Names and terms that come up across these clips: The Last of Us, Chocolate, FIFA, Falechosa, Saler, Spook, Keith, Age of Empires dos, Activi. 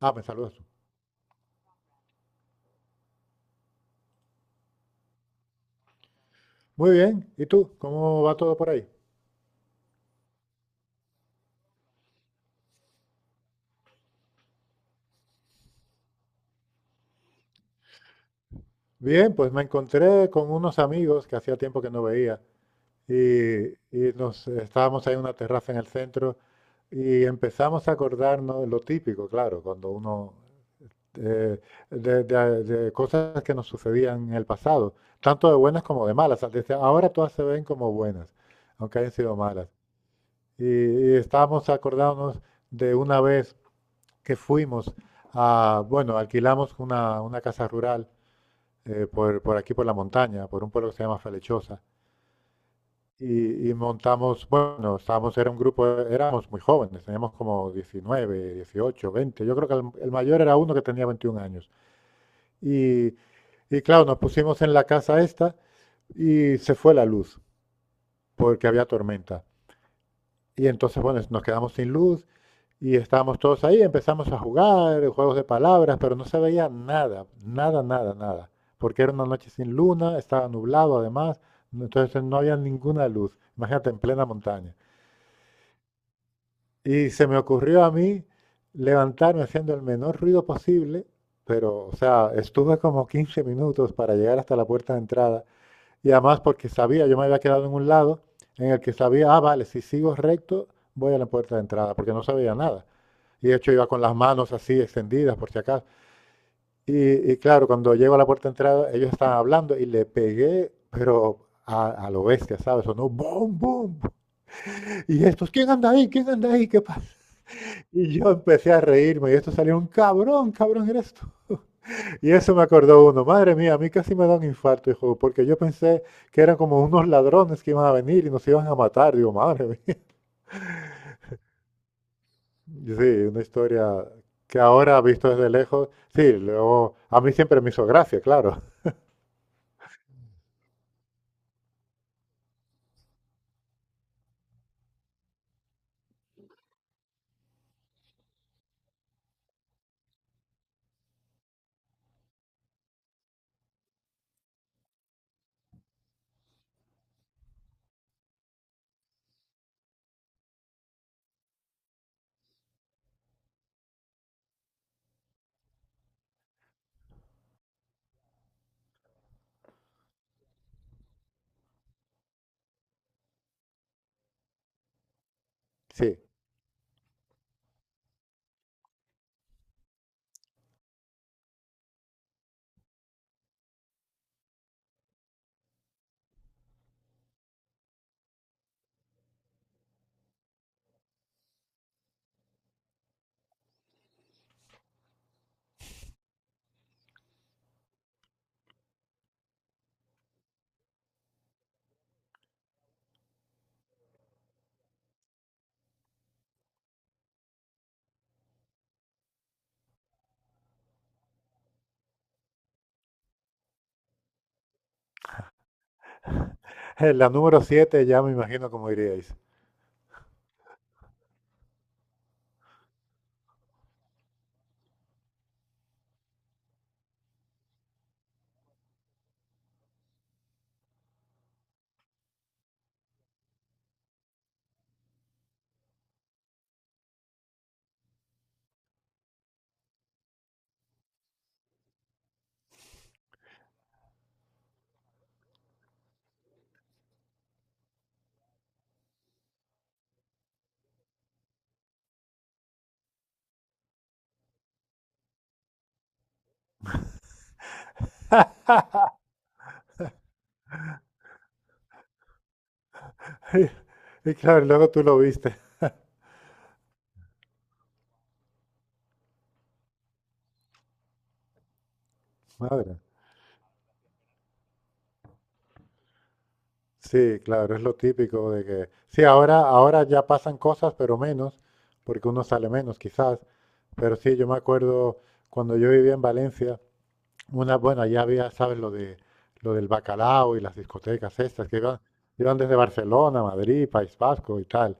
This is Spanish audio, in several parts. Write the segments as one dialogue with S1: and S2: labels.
S1: Ah, me saludas tú. Muy bien. ¿Y tú? ¿Cómo va todo por ahí? Bien, pues me encontré con unos amigos que hacía tiempo que no veía y nos estábamos ahí en una terraza en el centro y empezamos a acordarnos de lo típico, claro, cuando uno eh, de cosas que nos sucedían en el pasado, tanto de buenas como de malas. Desde ahora todas se ven como buenas, aunque hayan sido malas. Y estábamos acordándonos de una vez que fuimos a, bueno, alquilamos una casa rural por aquí, por la montaña, por un pueblo que se llama Falechosa. Y montamos, bueno, estábamos, era un grupo, éramos muy jóvenes, teníamos como 19, 18, 20. Yo creo que el mayor era uno que tenía 21 años. Y, y claro, nos pusimos en la casa esta y se fue la luz porque había tormenta. Y entonces, bueno, nos quedamos sin luz. Y estábamos todos ahí, empezamos a jugar, juegos de palabras, pero no se veía nada, nada, nada, nada. Porque era una noche sin luna, estaba nublado además, entonces no había ninguna luz. Imagínate, en plena montaña. Y se me ocurrió a mí levantarme haciendo el menor ruido posible, pero, o sea, estuve como 15 minutos para llegar hasta la puerta de entrada y además porque sabía, yo me había quedado en un lado en el que sabía, ah, vale, si sigo recto, voy a la puerta de entrada, porque no sabía nada. Y de hecho iba con las manos así extendidas, por si acaso. Y claro, cuando llego a la puerta de entrada, ellos estaban hablando y le pegué, pero a lo bestia, ¿sabes? Sonó boom, boom. Y estos, ¿quién anda ahí? ¿Quién anda ahí? ¿Qué pasa? Y yo empecé a reírme y esto salió un cabrón, cabrón eres tú. Y eso me acordó uno. Madre mía, a mí casi me da un infarto, hijo, porque yo pensé que eran como unos ladrones que iban a venir y nos iban a matar. Digo, madre mía. Y sí, una historia que ahora, visto desde lejos, sí, luego, a mí siempre me hizo gracia, claro. Sí. En la número 7 ya me imagino cómo iríais. Y claro, luego tú lo viste. Madre. Sí, claro, es lo típico de que, sí, ahora, ya pasan cosas, pero menos, porque uno sale menos quizás, pero sí, yo me acuerdo cuando yo vivía en Valencia, una, bueno, ya había, ¿sabes? Lo del bacalao y las discotecas estas que iban desde Barcelona, Madrid, País Vasco y tal.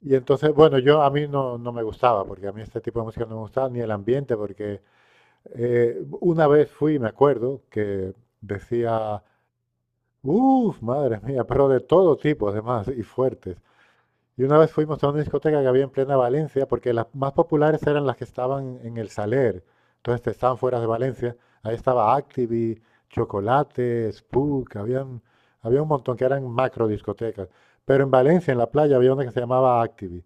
S1: Y entonces, bueno, yo a mí no, no me gustaba, porque a mí este tipo de música no me gustaba, ni el ambiente, porque una vez fui, me acuerdo, que decía. Uf, madre mía, pero de todo tipo además y fuertes. Y una vez fuimos a una discoteca que había en plena Valencia, porque las más populares eran las que estaban en el Saler, entonces te estaban fuera de Valencia. Ahí estaba Activi, Chocolate, Spook, había un montón que eran macro discotecas. Pero en Valencia, en la playa, había una que se llamaba Activi.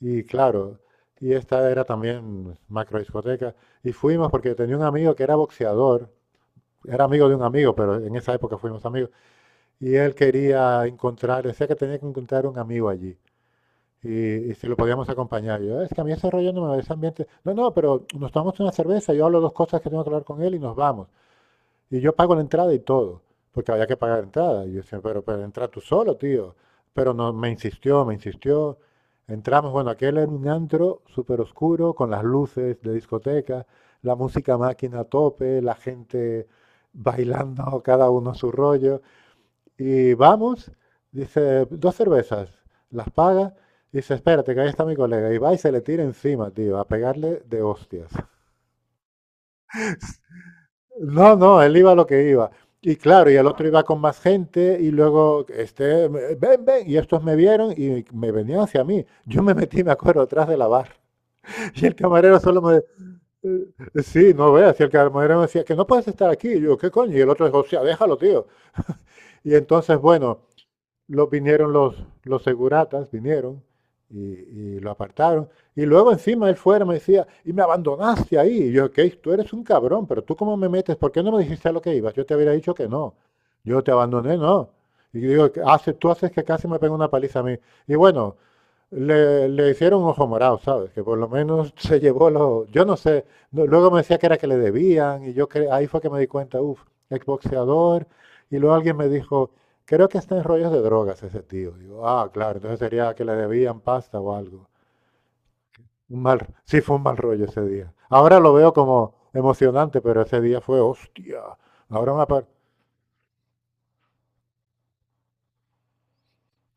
S1: Y claro, y esta era también macro discoteca. Y fuimos porque tenía un amigo que era boxeador, era amigo de un amigo, pero en esa época fuimos amigos. Y él quería encontrar, decía que tenía que encontrar un amigo allí. Y, y si lo podíamos acompañar. Yo, es que a mí ese rollo no me va, ese ambiente. No, no, pero nos tomamos una cerveza, yo hablo dos cosas que tengo que hablar con él y nos vamos. Y yo pago la entrada y todo, porque había que pagar entrada. Y yo decía, pero entra tú solo, tío. Pero no, me insistió, me insistió. Entramos, bueno, aquel era un antro súper oscuro, con las luces de discoteca, la música máquina a tope, la gente bailando, cada uno a su rollo. Y vamos, dice, dos cervezas, las paga, y dice, espérate, que ahí está mi colega. Y va y se le tira encima, tío, a pegarle de hostias. No, no, él iba a lo que iba. Y claro, y el otro iba con más gente, y luego, este, ven, ven, y estos me vieron y me venían hacia mí. Yo me metí, me acuerdo, atrás de la barra. Y el camarero solo me, eh, sí, no veas, y el camarero me decía que no puedes estar aquí. Y yo, ¿qué coño? Y el otro dijo: "Hostia, déjalo, tío". Y entonces, bueno, los vinieron los seguratas, vinieron y lo apartaron. Y luego encima él fuera me decía, y me abandonaste ahí. Y yo, Keith, tú eres un cabrón, pero tú cómo me metes, ¿por qué no me dijiste a lo que ibas? Yo te hubiera dicho que no. Yo te abandoné, no. Y digo, hace, tú haces que casi me pega una paliza a mí. Y bueno, le hicieron ojo morado, ¿sabes? Que por lo menos se llevó los... Yo no sé, luego me decía que era que le debían y ahí fue que me di cuenta, uff, exboxeador. Y luego alguien me dijo, creo que está en rollos de drogas ese tío. Digo, ah, claro, entonces sería que le debían pasta o algo. Un mal, sí, fue un mal rollo ese día. Ahora lo veo como emocionante, pero ese día fue, hostia, ahora me... apar-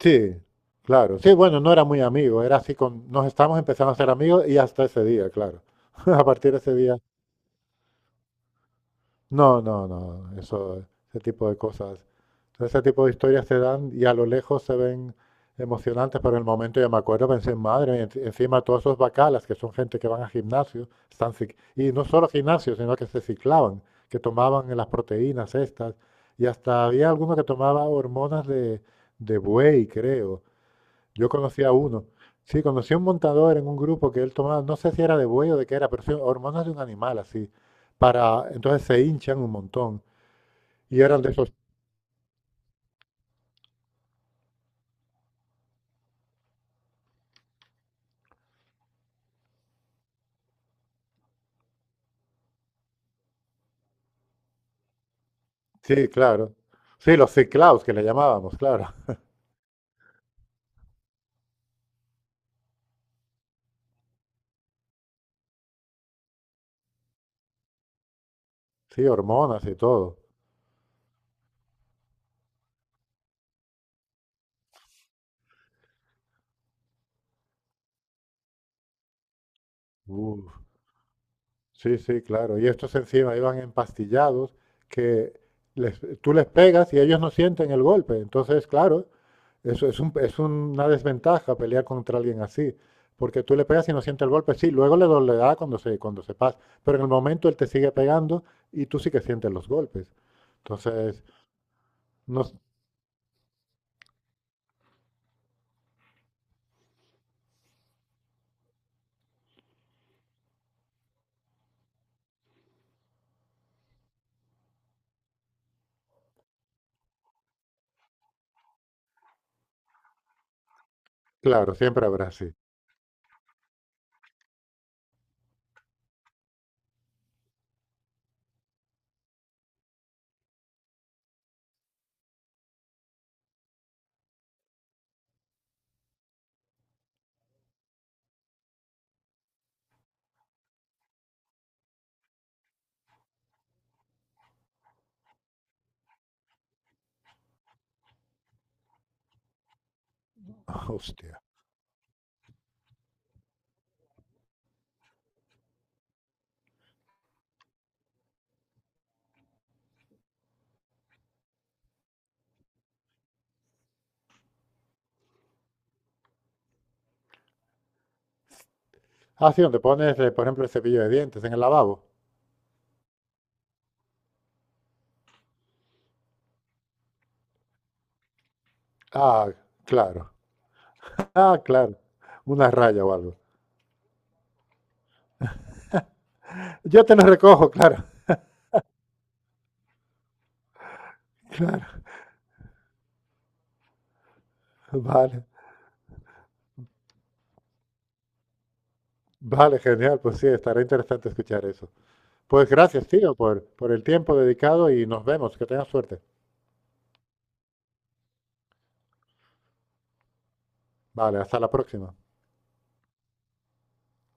S1: Sí, claro. Sí, bueno, no era muy amigo, era así con... Nos estábamos empezando a ser amigos y hasta ese día, claro. A partir de ese día. No, no, no, eso, ese tipo de cosas. Entonces, ese tipo de historias se dan y a lo lejos se ven emocionantes, pero en el momento ya me acuerdo, pensé, madre mía, encima todos esos bacalas, que son gente que van a gimnasios, están cic- y no solo gimnasios, sino que se ciclaban, que tomaban las proteínas estas, y hasta había alguno que tomaba hormonas de, buey, creo, yo conocí a uno. Sí, conocí a un montador en un grupo que él tomaba, no sé si era de buey o de qué era, pero sí, hormonas de un animal así. Para, entonces se hinchan un montón. Y eran de esos, sí, claro. Sí, los ciclaos que le llamábamos, claro. Sí, hormonas y todo. Uf. Sí, sí, claro. Y estos encima iban empastillados, que tú les pegas y ellos no sienten el golpe. Entonces, claro, eso es es una desventaja pelear contra alguien así, porque tú le pegas y no siente el golpe. Sí, luego le dolerá cuando cuando se pasa, pero en el momento él te sigue pegando y tú sí que sientes los golpes. Entonces, no, claro, siempre habrá así. Hostia. Ah, sí, donde pones, por ejemplo, el cepillo de dientes en el lavabo. Ah, claro. Ah, claro. Una raya o algo. Yo te lo recojo, claro. Vale, vale, genial. Pues sí, estará interesante escuchar eso. Pues gracias, tío, por el tiempo dedicado y nos vemos. Que tengas suerte. Vale, hasta la próxima.